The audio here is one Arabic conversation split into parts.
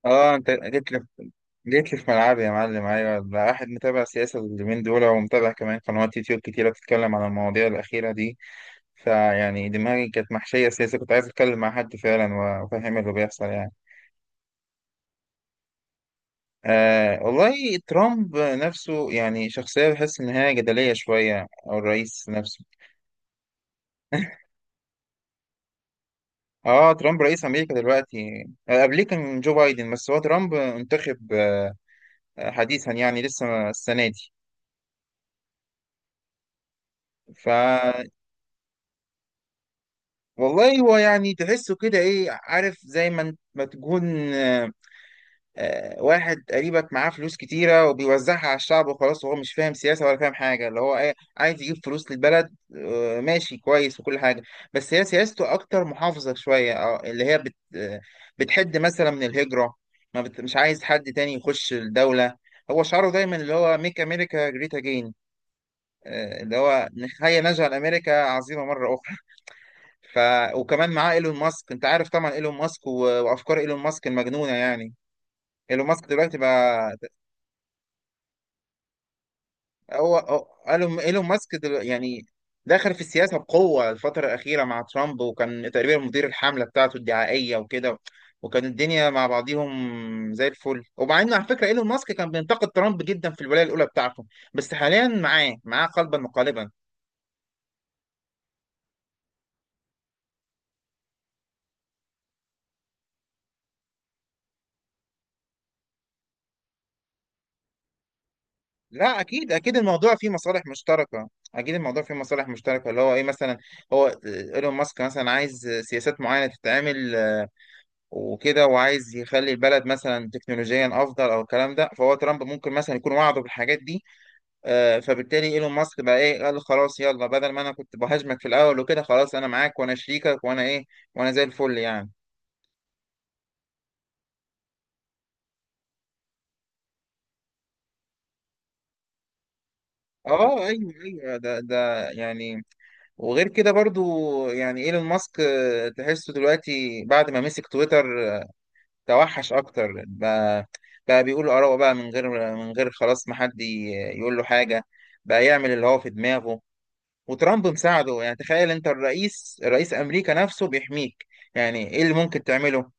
اه، انت جيت لي في ملعبي يا معلم. ايوه، ده واحد متابع سياسه اليومين دول ومتابع كمان قنوات يوتيوب كتيره بتتكلم عن المواضيع الاخيره دي. فيعني دماغي كانت محشيه سياسه. كنت عايز اتكلم مع حد فعلا وافهم اللي بيحصل يعني. آه، والله ترامب نفسه يعني شخصيه بحس ان هي جدليه شويه، او الرئيس نفسه. اه، ترامب رئيس امريكا دلوقتي. قبليه كان جو بايدن. بس هو ترامب انتخب حديثا يعني لسه السنه دي. ف والله هو يعني تحسه كده ايه عارف زي ما ما تكون. آه، واحد قريبك معاه فلوس كتيرة وبيوزعها على الشعب وخلاص، وهو مش فاهم سياسة ولا فاهم حاجة اللي هو ايه عايز يجيب فلوس للبلد. ماشي كويس وكل حاجة. بس هي سياسته أكتر محافظة شوية. اه، اللي هي بت آه، بتحد مثلا من الهجرة. ما بت مش عايز حد تاني يخش الدولة. هو شعاره دايما اللي هو ميك أمريكا جريت أجين، اللي هو نجعل أمريكا عظيمة مرة أخرى. ف وكمان معاه ايلون ماسك. انت عارف طبعا ايلون ماسك و... وافكار ايلون ماسك المجنونه يعني. ايلون ماسك دلوقتي بقى إيلون ماسك يعني دخل في السياسه بقوه الفتره الاخيره مع ترامب، وكان تقريبا مدير الحمله بتاعته الدعائيه وكده. وكان الدنيا مع بعضيهم زي الفل. ومع ان على فكره ايلون ماسك كان بينتقد ترامب جدا في الولايه الاولى بتاعته، بس حاليا معاه قلبا وقالبا. لا، اكيد اكيد الموضوع فيه مصالح مشتركه. اكيد الموضوع فيه مصالح مشتركه، اللي هو ايه مثلا. هو ايلون ماسك مثلا عايز سياسات معينه تتعمل. وكده، وعايز يخلي البلد مثلا تكنولوجيا افضل او الكلام ده. فهو ترامب ممكن مثلا يكون وعده بالحاجات دي. فبالتالي ايلون ماسك بقى ايه قال خلاص يلا، بدل ما انا كنت بهاجمك في الاول وكده، خلاص انا معاك وانا شريكك وانا ايه، وانا زي الفل يعني. اه، ايوه ايوه ده يعني. وغير كده برضو. يعني ايلون ماسك تحسه دلوقتي بعد ما مسك تويتر. توحش اكتر بقى. بقى بيقول اراءه بقى من غير خلاص، ما حد يقول له حاجه. بقى يعمل اللي هو في دماغه. وترامب مساعده. يعني تخيل انت رئيس امريكا نفسه بيحميك، يعني ايه اللي ممكن تعمله.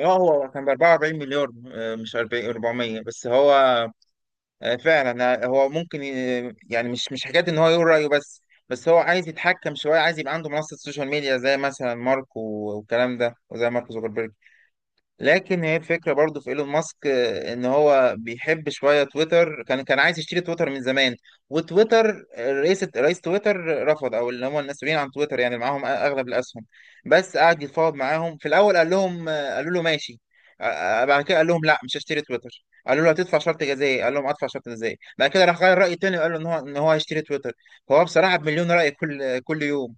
اه، هو كان ب 44 مليار. مش 40 400 بس هو. فعلا. هو ممكن يعني مش حكايه ان هو يقول رايه بس. بس هو عايز يتحكم شويه، عايز يبقى عنده منصه سوشيال ميديا زي مثلا مارك و- والكلام ده، وزي مارك زوكربيرج. لكن هي الفكرة برضو في ايلون ماسك، ان هو بيحب شوية تويتر، كان عايز يشتري تويتر من زمان. وتويتر آه، رئيس تويتر رفض، او اللي هم المسؤولين عن تويتر يعني اللي معاهم اغلب الاسهم. بس قعد يتفاوض معاهم في الاول، قال لهم قالوا له ماشي. بعد كده قال لهم لا، مش هشتري تويتر. قالوا له هتدفع شرط جزائي. قال لهم ادفع شرط جزائي. بعد كده راح غير رأي تاني وقال له ان هو هيشتري تويتر. هو بصراحة بمليون رأي كل يوم.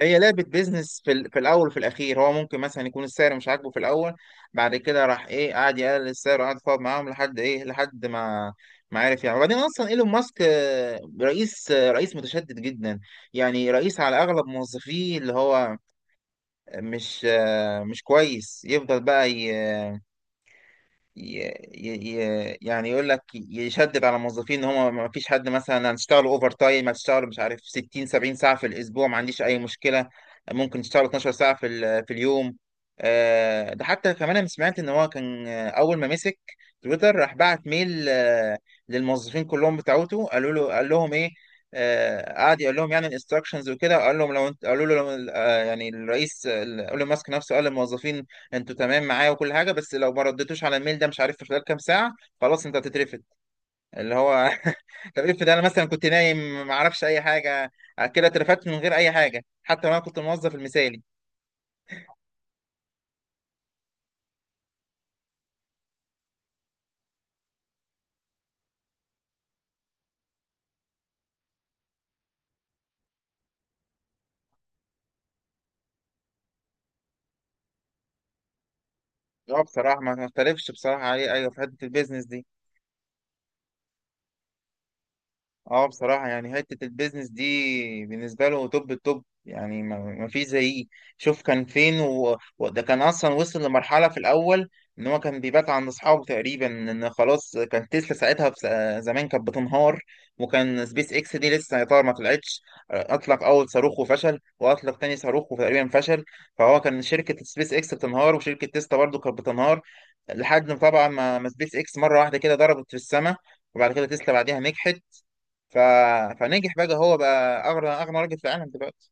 هي لعبة بيزنس في الأول وفي الأخير. هو ممكن مثلا يكون السعر مش عاجبه في الأول، بعد كده راح إيه قعد يقلل السعر وقعد يتفاوض معاهم لحد إيه لحد ما ما عرف يعني. وبعدين أصلا إيلون ماسك رئيس متشدد جدا. يعني رئيس على أغلب موظفيه اللي هو مش كويس يفضل بقى. ي... ي... يعني يقول لك يشدد على الموظفين ان هم ما فيش حد، مثلا هنشتغلوا اوفر تايم، هتشتغلوا مش عارف 60 70 ساعه في الاسبوع، ما عنديش اي مشكله. ممكن تشتغلوا 12 ساعه في اليوم. ده حتى كمان انا سمعت ان هو كان اول ما مسك تويتر راح بعت ميل. للموظفين كلهم بتاعته، قال لهم ايه. قعد يقول لهم يعني الانستراكشنز وكده. قال لهم لو انت قالوا له لو- آه، يعني الرئيس، قال له ماسك نفسه قال للموظفين انتوا تمام معايا وكل حاجه، بس لو ما ردتوش على الميل ده مش عارف في خلال كام ساعه، خلاص انت هتترفد. اللي هو طب افرض انا مثلا كنت نايم، ما اعرفش اي حاجه، كده اترفدت من غير اي حاجه حتى لو انا كنت الموظف المثالي. اه، بصراحه ما اختلفش بصراحه عليه. ايوه، في حته البيزنس دي. اه، بصراحة يعني حتة البيزنس دي بالنسبة له توب التوب يعني، ما فيش زيه. شوف كان فين. و... وده كان أصلا وصل لمرحلة في الأول إن هو كان بيبات عند أصحابه تقريبا، إن خلاص كان تسلا ساعتها زمان كانت بتنهار. وكان سبيس إكس دي لسه يا ترى ما طلعتش. أطلق أول صاروخ وفشل، وأطلق تاني صاروخ وتقريبا فشل. فهو كان شركة سبيس إكس بتنهار وشركة تسلا برضه كانت بتنهار، لحد ما طبعا ما سبيس إكس مرة واحدة كده ضربت في السماء. وبعد كده تسلا بعديها نجحت. ف... فنجح بقى. هو بقى اغنى راجل في العالم دلوقتي.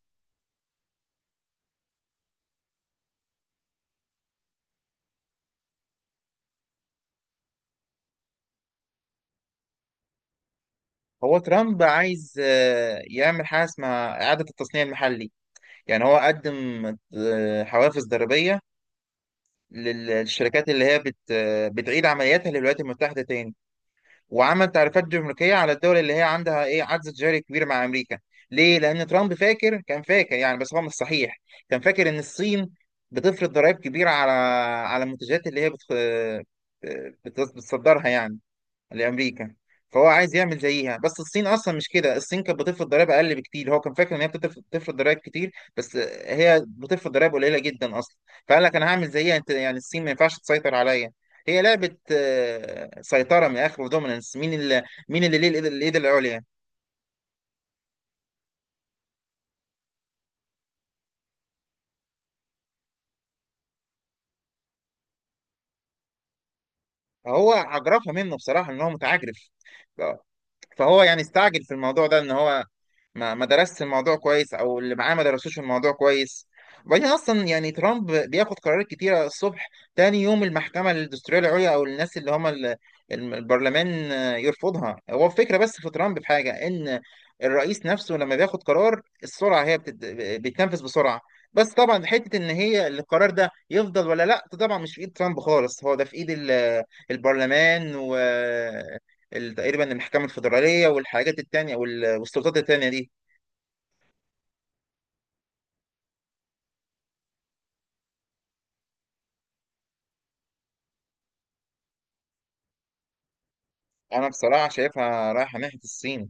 هو ترامب عايز يعمل حاجه اسمها اعاده التصنيع المحلي. يعني هو قدم حوافز ضريبيه للشركات اللي هي بت... آه، بتعيد عملياتها للولايات المتحده تاني. وعمل تعريفات جمركيه على الدول اللي هي عندها ايه عجز تجاري كبير مع امريكا. ليه؟ لان ترامب كان فاكر يعني، بس هو مش صحيح. كان فاكر ان الصين بتفرض ضرائب كبيره على المنتجات اللي هي بتصدرها يعني لامريكا. فهو عايز يعمل زيها، بس الصين اصلا مش كده. الصين كانت بتفرض ضرائب اقل بكتير. هو كان فاكر ان هي بتفرض ضرائب كتير. بس هي بتفرض ضرائب قليله جدا اصلا. فقال لك انا هعمل زيها انت، يعني الصين ما ينفعش تسيطر عليا. هي لعبه سيطره من الاخر ودوميننس، مين اللي ليه الإيد العليا. فهو عجرفها منه بصراحه، ان هو متعجرف. فهو يعني استعجل في الموضوع ده، ان هو ما درسش الموضوع كويس، او اللي معاه ما درسوش الموضوع كويس. وبعدين اصلا يعني ترامب بياخد قرارات كتيره الصبح، تاني يوم المحكمه الدستوريه العليا او الناس اللي هم البرلمان يرفضها. هو الفكره بس في ترامب في حاجه ان الرئيس نفسه لما بياخد قرار السرعه هي بيتنفذ بسرعه. بس طبعا حته ان هي القرار ده يفضل ولا لا، ده طبعا مش في ايد ترامب خالص، هو ده في ايد البرلمان، تقريبا المحكمة الفيدرالية والحاجات التانية، وال- والسلطات التانية دي. أنا بصراحة شايفها رايحة ناحية الصين.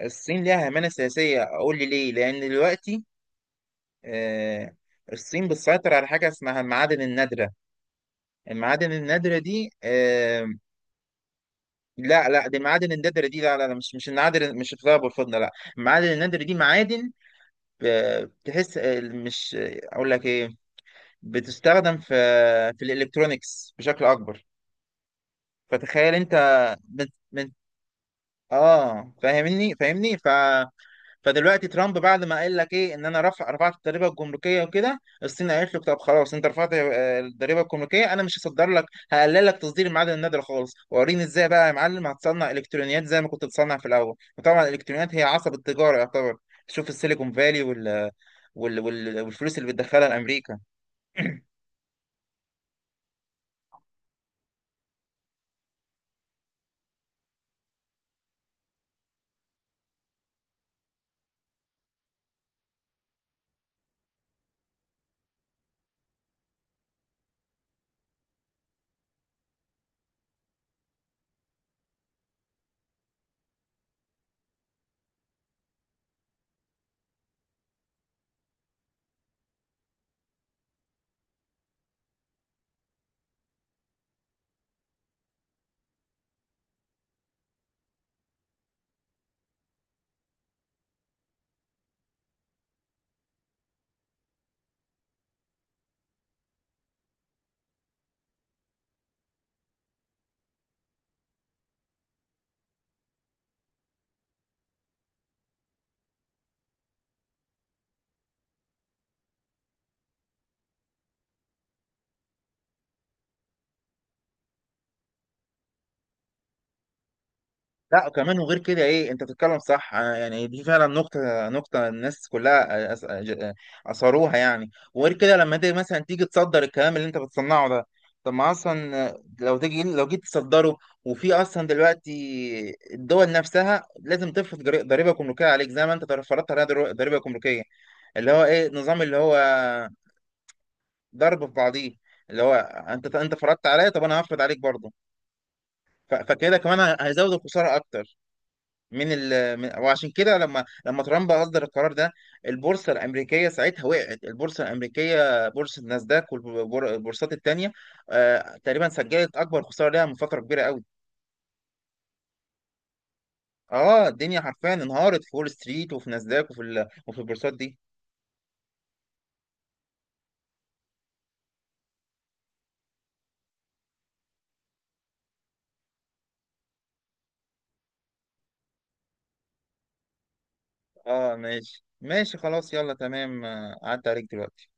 الصين ليها همانة سياسية. أقول لي ليه؟ لأن دلوقتي آه، الصين بتسيطر على حاجة اسمها المعادن النادرة. المعادن النادرة دي. لا لا، دي المعادن النادرة دي. لا لا لا، مش النادر، مش الذهب والفضة، لا. المعادن النادرة دي معادن آه، بتحس آه، مش آه، أقول لك إيه، بتستخدم في الإلكترونيكس بشكل أكبر. فتخيل أنت من اه، فاهمني فاهمني. فدلوقتي ترامب بعد ما قال لك ايه ان انا رفعت الضريبه الجمركيه وكده، الصين قالت له طب خلاص انت رفعت الضريبه الجمركيه، انا مش هصدر لك. هقلل لك تصدير المعادن النادره خالص. وريني ازاي بقى يا معلم هتصنع الكترونيات زي ما كنت بتصنع في الاول، وطبعا الالكترونيات هي عصب التجاره يعتبر. شوف السيليكون فالي وال... وال... وال... والفلوس اللي بتدخلها لامريكا. لا، وكمان وغير كده ايه انت بتتكلم صح. أنا يعني دي فعلا نقطة الناس كلها اثروها يعني. وغير كده لما انت مثلا تيجي تصدر الكلام اللي انت بتصنعه ده، طب ما اصلا لو جيت تصدره، وفي اصلا دلوقتي الدول نفسها لازم تفرض ضريبة جمركية عليك زي ما انت فرضت عليها ضريبة جمركية. اللي هو ايه نظام اللي هو ضرب في بعضيه، اللي هو انت فرضت عليا، طب انا هفرض عليك برضه. فكده كمان هيزود الخسارة اكتر. من ال من وعشان كده لما ترامب اصدر القرار ده البورصه الامريكيه ساعتها وقعت. البورصه الامريكيه، بورصه ناسداك والبورصات التانيه تقريبا سجلت اكبر خساره ليها من فتره كبيره قوي. اه، الدنيا حرفيا انهارت في وول ستريت وفي ناسداك وفي ال... وفي البورصات دي. اه، ماشي ماشي، خلاص يلا تمام. عدى عليك دلوقتي.